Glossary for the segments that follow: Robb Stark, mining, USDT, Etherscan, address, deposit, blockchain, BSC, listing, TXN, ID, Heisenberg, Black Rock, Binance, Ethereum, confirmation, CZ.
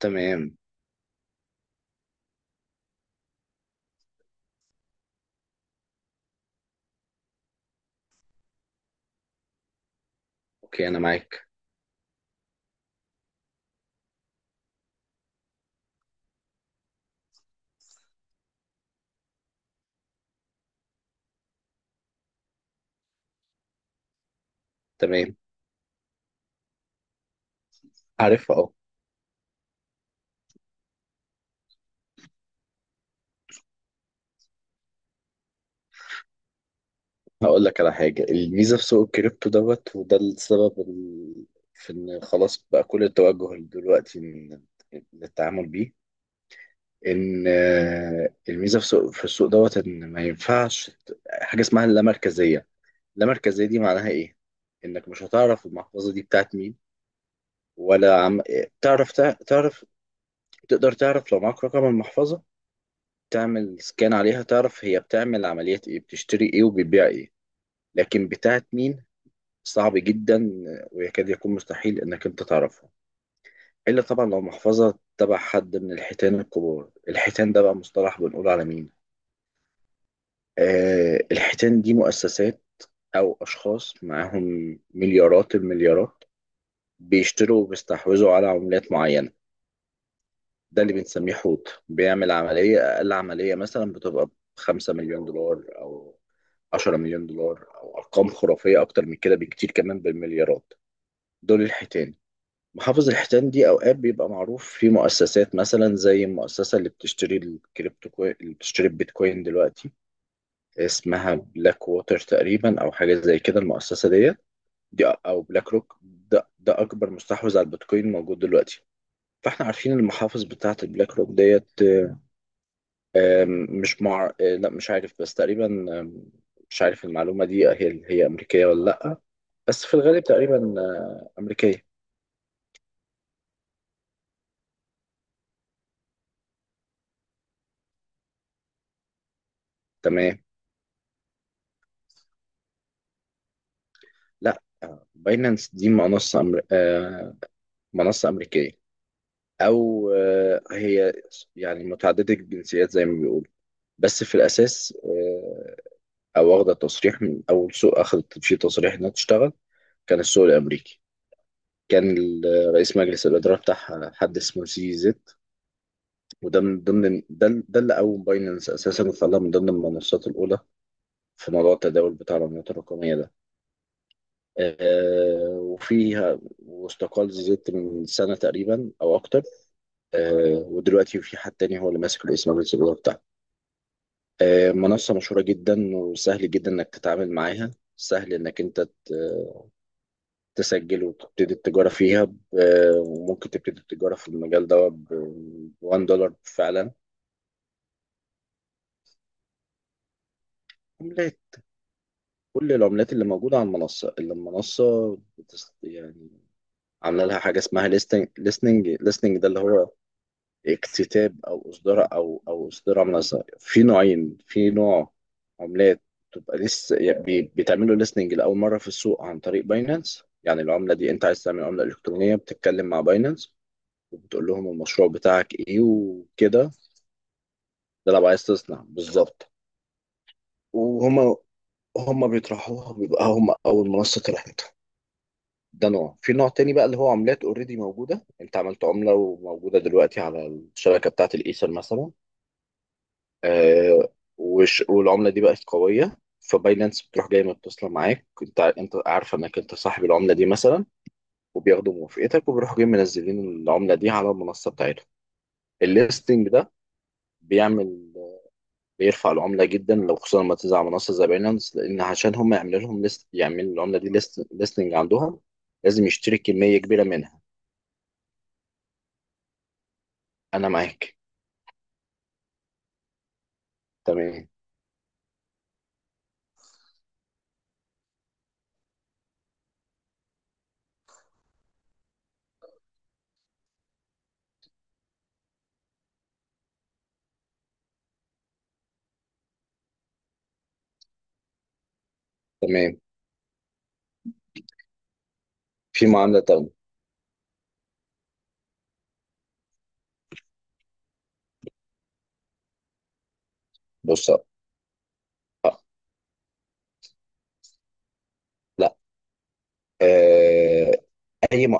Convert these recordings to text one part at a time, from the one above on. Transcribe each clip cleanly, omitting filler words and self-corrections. تمام. اوكي، انا معاك. تمام. عارف، اه. هقول لك على حاجه. الميزه في سوق الكريبتو دوت وده السبب في ان خلاص بقى كل التوجه دلوقتي للتعامل بيه. ان آه، الميزه في السوق دوت ان ما ينفعش حاجه اسمها اللامركزيه. اللامركزيه دي معناها ايه؟ انك مش هتعرف المحفظه دي بتاعت مين ولا عم... تعرف. تقدر تعرف لو معاك رقم المحفظه، تعمل سكان عليها، تعرف هي بتعمل عمليات ايه، بتشتري ايه وبتبيع ايه. لكن بتاعت مين، صعب جدا ويكاد يكون مستحيل انك انت تعرفها، الا طبعا لو محفظة تبع حد من الحيتان الكبار. الحيتان ده بقى مصطلح بنقول على مين. الحيتان دي مؤسسات او اشخاص معاهم مليارات المليارات، بيشتروا وبيستحوذوا على عملات معينة. ده اللي بنسميه حوت. بيعمل عملية، أقل عملية مثلا بتبقى بخمسة مليون دولار أو 10 مليون دولار أو أرقام خرافية أكتر من كده بكتير، كمان بالمليارات. دول الحيتان. محافظ الحيتان دي أوقات بيبقى معروف في مؤسسات مثلا، زي المؤسسة اللي بتشتري الكريبتو كوين، اللي بتشتري البيتكوين دلوقتي اسمها بلاك ووتر تقريبا أو حاجة زي كده. المؤسسة ديت دي أو بلاك روك، ده أكبر مستحوذ على البيتكوين موجود دلوقتي. فاحنا عارفين المحافظ بتاعت البلاك روك ديت. آم، مش مع آه، لا، مش عارف بس تقريبا. آم، مش عارف المعلومة دي هي أمريكية ولا لأ، بس في الغالب تقريبا، أمريكية. تمام. لأ. باينانس دي منصة أمر... آه، منصة أمريكية. أو آه، هي يعني متعددة الجنسيات زي ما بيقولوا، بس في الأساس، أو واخدة تصريح من أول سوق أخدت في تصريح إنها تشتغل كان السوق الأمريكي. كان رئيس مجلس الإدارة بتاعها حد اسمه سي زد، وده من ضمن ده اللي قوم باينانس اساسا وخلاها من ضمن المنصات الاولى في موضوع التداول بتاع العملات الرقميه ده. وفيها واستقال زيزت من سنه تقريبا او اكتر. ودلوقتي في حد تاني هو اللي ماسك الاسم الاولى بتاعها. منصه مشهوره جدا وسهل جدا انك تتعامل معاها، سهل انك انت تسجل وتبتدي التجاره فيها وممكن تبتدي التجاره في المجال ده ب $1 فعلا. كل العملات اللي موجودة على المنصة يعني عاملة لها حاجة اسمها listening ده اللي هو اكتتاب أو إصدار أو إصدار منصة. في نوعين. في نوع عملات تبقى لسه يعني بتعملوا listening لأول مرة في السوق عن طريق باينانس. يعني العملة دي أنت عايز تعمل عملة إلكترونية، بتتكلم مع باينانس وبتقول لهم المشروع بتاعك إيه وكده. ده لو عايز تصنع بالظبط. وهما هما بيطرحوها، بيبقى هما أول منصة طرحتها. ده نوع. في نوع تاني بقى اللي هو عملات اوريدي موجودة، انت عملت عملة وموجودة دلوقتي على الشبكة بتاعة الايثر مثلا. آه. والعملة دي بقت قوية، فباينانس بتروح جاي متصلة معاك، انت عارفة انك انت صاحب العملة دي مثلا، وبياخدوا موافقتك وبيروحوا جايين منزلين العملة دي على المنصة بتاعتهم. الليستنج ده بيعمل، بيرفع العملة جدا لو، خصوصا لما تنزل على منصة زي باينانس. لأن عشان هم يعملوا لهم ليست، يعملوا العملة دي ليستنج عندهم، لازم يشتري كمية كبيرة منها. أنا معاك. تمام. تمام. في معاملة تانية. بص. آه، لا. آه، أي م...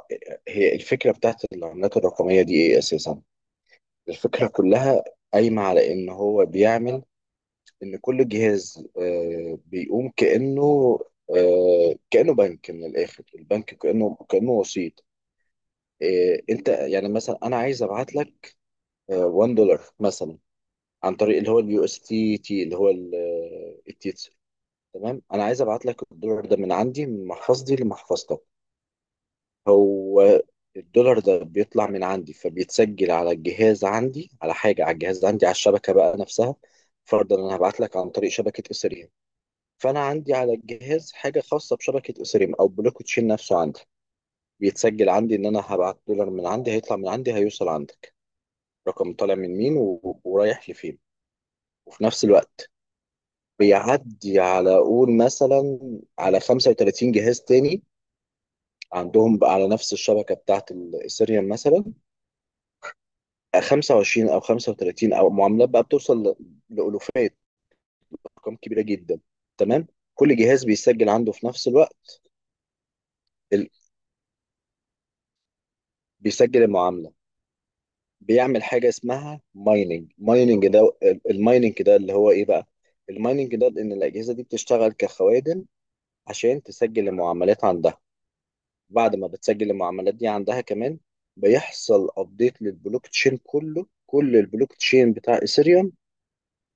هي الفكرة بتاعت العملات الرقمية دي إيه أساسا؟ الفكرة كلها قايمة على إن هو بيعمل إن كل جهاز، بيقوم كأنه، كأنه بنك. من الآخر البنك كأنه وسيط. أنت يعني مثلا، أنا عايز أبعت لك $1 مثلا عن طريق اللي هو اليو اس تي تي. اللي هو تمام، انا عايز ابعت لك الدولار ده من عندي من محفظتي لمحفظتك. هو الدولار ده بيطلع من عندي فبيتسجل على الجهاز عندي، على حاجه على الجهاز عندي، على الشبكه بقى نفسها. فرضا انا هبعت لك عن طريق شبكه اثيريوم، فانا عندي على الجهاز حاجه خاصه بشبكه اثيريوم او بلوك تشين نفسه عندي، بيتسجل عندي ان انا هبعت دولار من عندي، هيطلع من عندي هيوصل عندك، رقم طالع من مين ورايح لفين. وفي نفس الوقت بيعدي على قول مثلا على 35 جهاز تاني عندهم بقى، على نفس الشبكة بتاعة الإيثيريوم مثلا، 25 أو 35 أو معاملات بقى بتوصل لألوفات، أرقام كبيرة جدا. تمام. كل جهاز بيسجل عنده في نفس الوقت. ال... بيسجل المعاملة. بيعمل حاجة اسمها مايننج. مايننج ده، المايننج ده اللي هو إيه بقى؟ المايننج ده إن الأجهزة دي بتشتغل كخوادم عشان تسجل المعاملات عندها. بعد ما بتسجل المعاملات دي عندها كمان، بيحصل ابديت للبلوك تشين كله. كل البلوك تشين بتاع ايثيريوم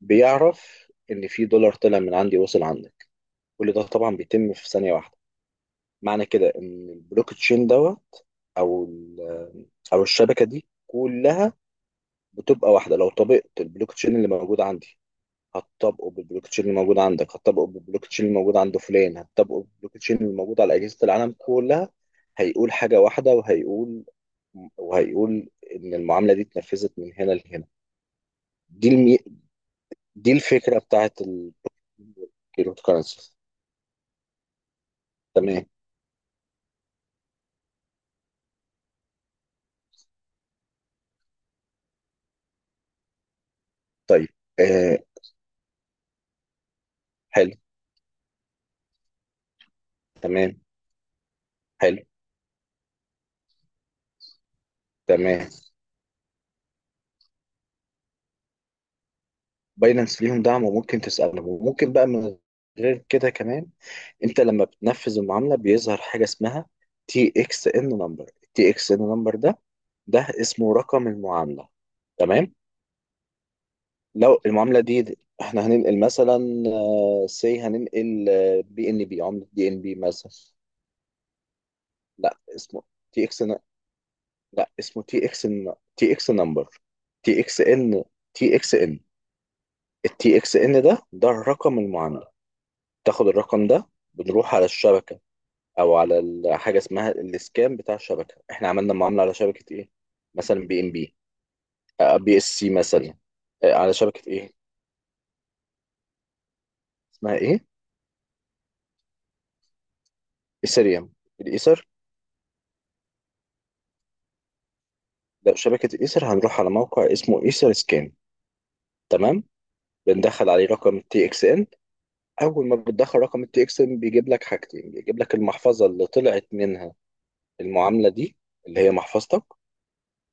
بيعرف ان في دولار طلع من عندي وصل عندك. كل ده طبعا بيتم في ثانيه واحده. معنى كده ان البلوك تشين دوت، او ال- او الشبكه دي كلها، بتبقى واحده. لو طبقت البلوك تشين اللي موجود عندي، هتطبقه بالبلوك تشين اللي موجود عندك، هتطبقه بالبلوك تشين اللي موجود عند فلان، هتطبقه بالبلوك تشين اللي موجود على اجهزه العالم كلها. هيقول حاجه واحده وهيقول ان المعامله دي اتنفذت من هنا لهنا. دي المي... دي الفكره بتاعت الكريبتو كرنسي. تمام. طيب. آه. حلو. تمام. حلو. تمام. باينانس ليهم دعم وممكن تسألهم، وممكن بقى من غير كده كمان، انت لما بتنفذ المعاملة بيظهر حاجة اسمها تي اكس ان نمبر. تي اكس ان نمبر ده، ده اسمه رقم المعاملة. تمام. لو المعاملة دي احنا هننقل مثلا، هننقل بي ان بي، عملة بي ان بي مثلا. لا اسمه تي اكس لا اسمه تي اكس، تي اكس نمبر، تي اكس ان تي اكس ان. التي اكس ان ده، ده الرقم المعامله. تاخد الرقم ده، بنروح على الشبكه او على حاجه اسمها الاسكان بتاع الشبكه. احنا عملنا معامله على شبكه ايه؟ مثلا بي ام بي، بي اس سي مثلا. على شبكه ايه؟ اسمها ايه؟ ايثريوم، الايثر. لا، شبكه الايثر هنروح على موقع اسمه ايثر سكان. تمام. بندخل عليه رقم تي اكس ان. اول ما بتدخل رقم التي اكس ان بيجيب لك حاجتين، بيجيب لك المحفظه اللي طلعت منها المعامله دي، اللي هي محفظتك،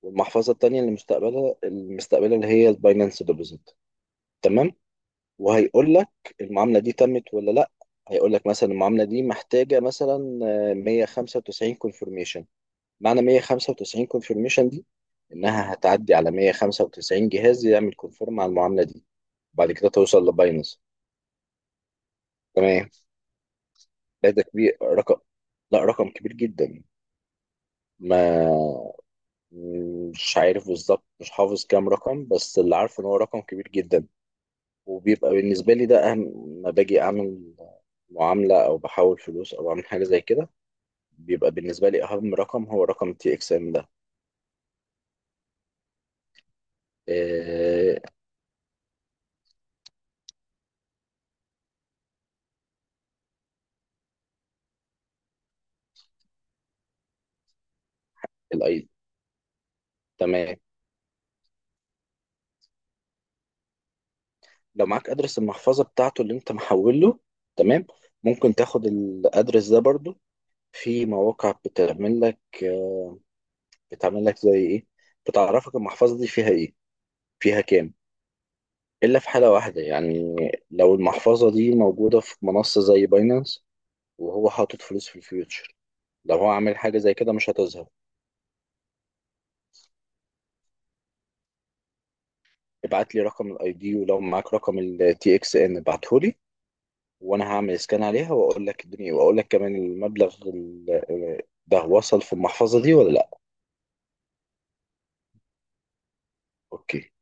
والمحفظه التانيه اللي مستقبلها المستقبلها، اللي هي الباينانس ديبوزيت. تمام. وهيقول لك المعامله دي تمت ولا لا. هيقول لك مثلا المعامله دي محتاجه مثلا 195 كونفرميشن. معنى 195 كونفرميشن دي انها هتعدي على 195 جهاز يعمل كونفيرم على المعامله دي، بعد كده توصل لباينانس. تمام. لا، ده كبير رقم، لا رقم كبير جدا. ما مش عارف بالظبط، مش حافظ كام رقم، بس اللي عارفه ان هو رقم كبير جدا. وبيبقى بالنسبة لي ده أهم ما باجي أعمل معاملة أو بحول فلوس أو أعمل حاجة زي كده، بيبقى بالنسبة لي أهم رقم هو رقم تي إكس إم ده. إيه الأي. تمام. لو معاك أدرس المحفظة بتاعته اللي أنت محول له. تمام. ممكن تاخد الأدرس ده برضو، في مواقع بتعمل لك، بتعمل لك زي إيه، بتعرفك المحفظة دي فيها إيه، فيها كام. إلا في حالة واحدة يعني، لو المحفظة دي موجودة في منصة زي باينانس وهو حاطط فلوس في الفيوتشر، لو هو عامل حاجة زي كده مش هتظهر. ابعت لي رقم الاي دي ولو معاك رقم التي اكس ان ابعته لي، وانا هعمل سكان عليها واقول لك الدنيا، واقول لك كمان المبلغ ده وصل في المحفظة دي ولا لا. اوكي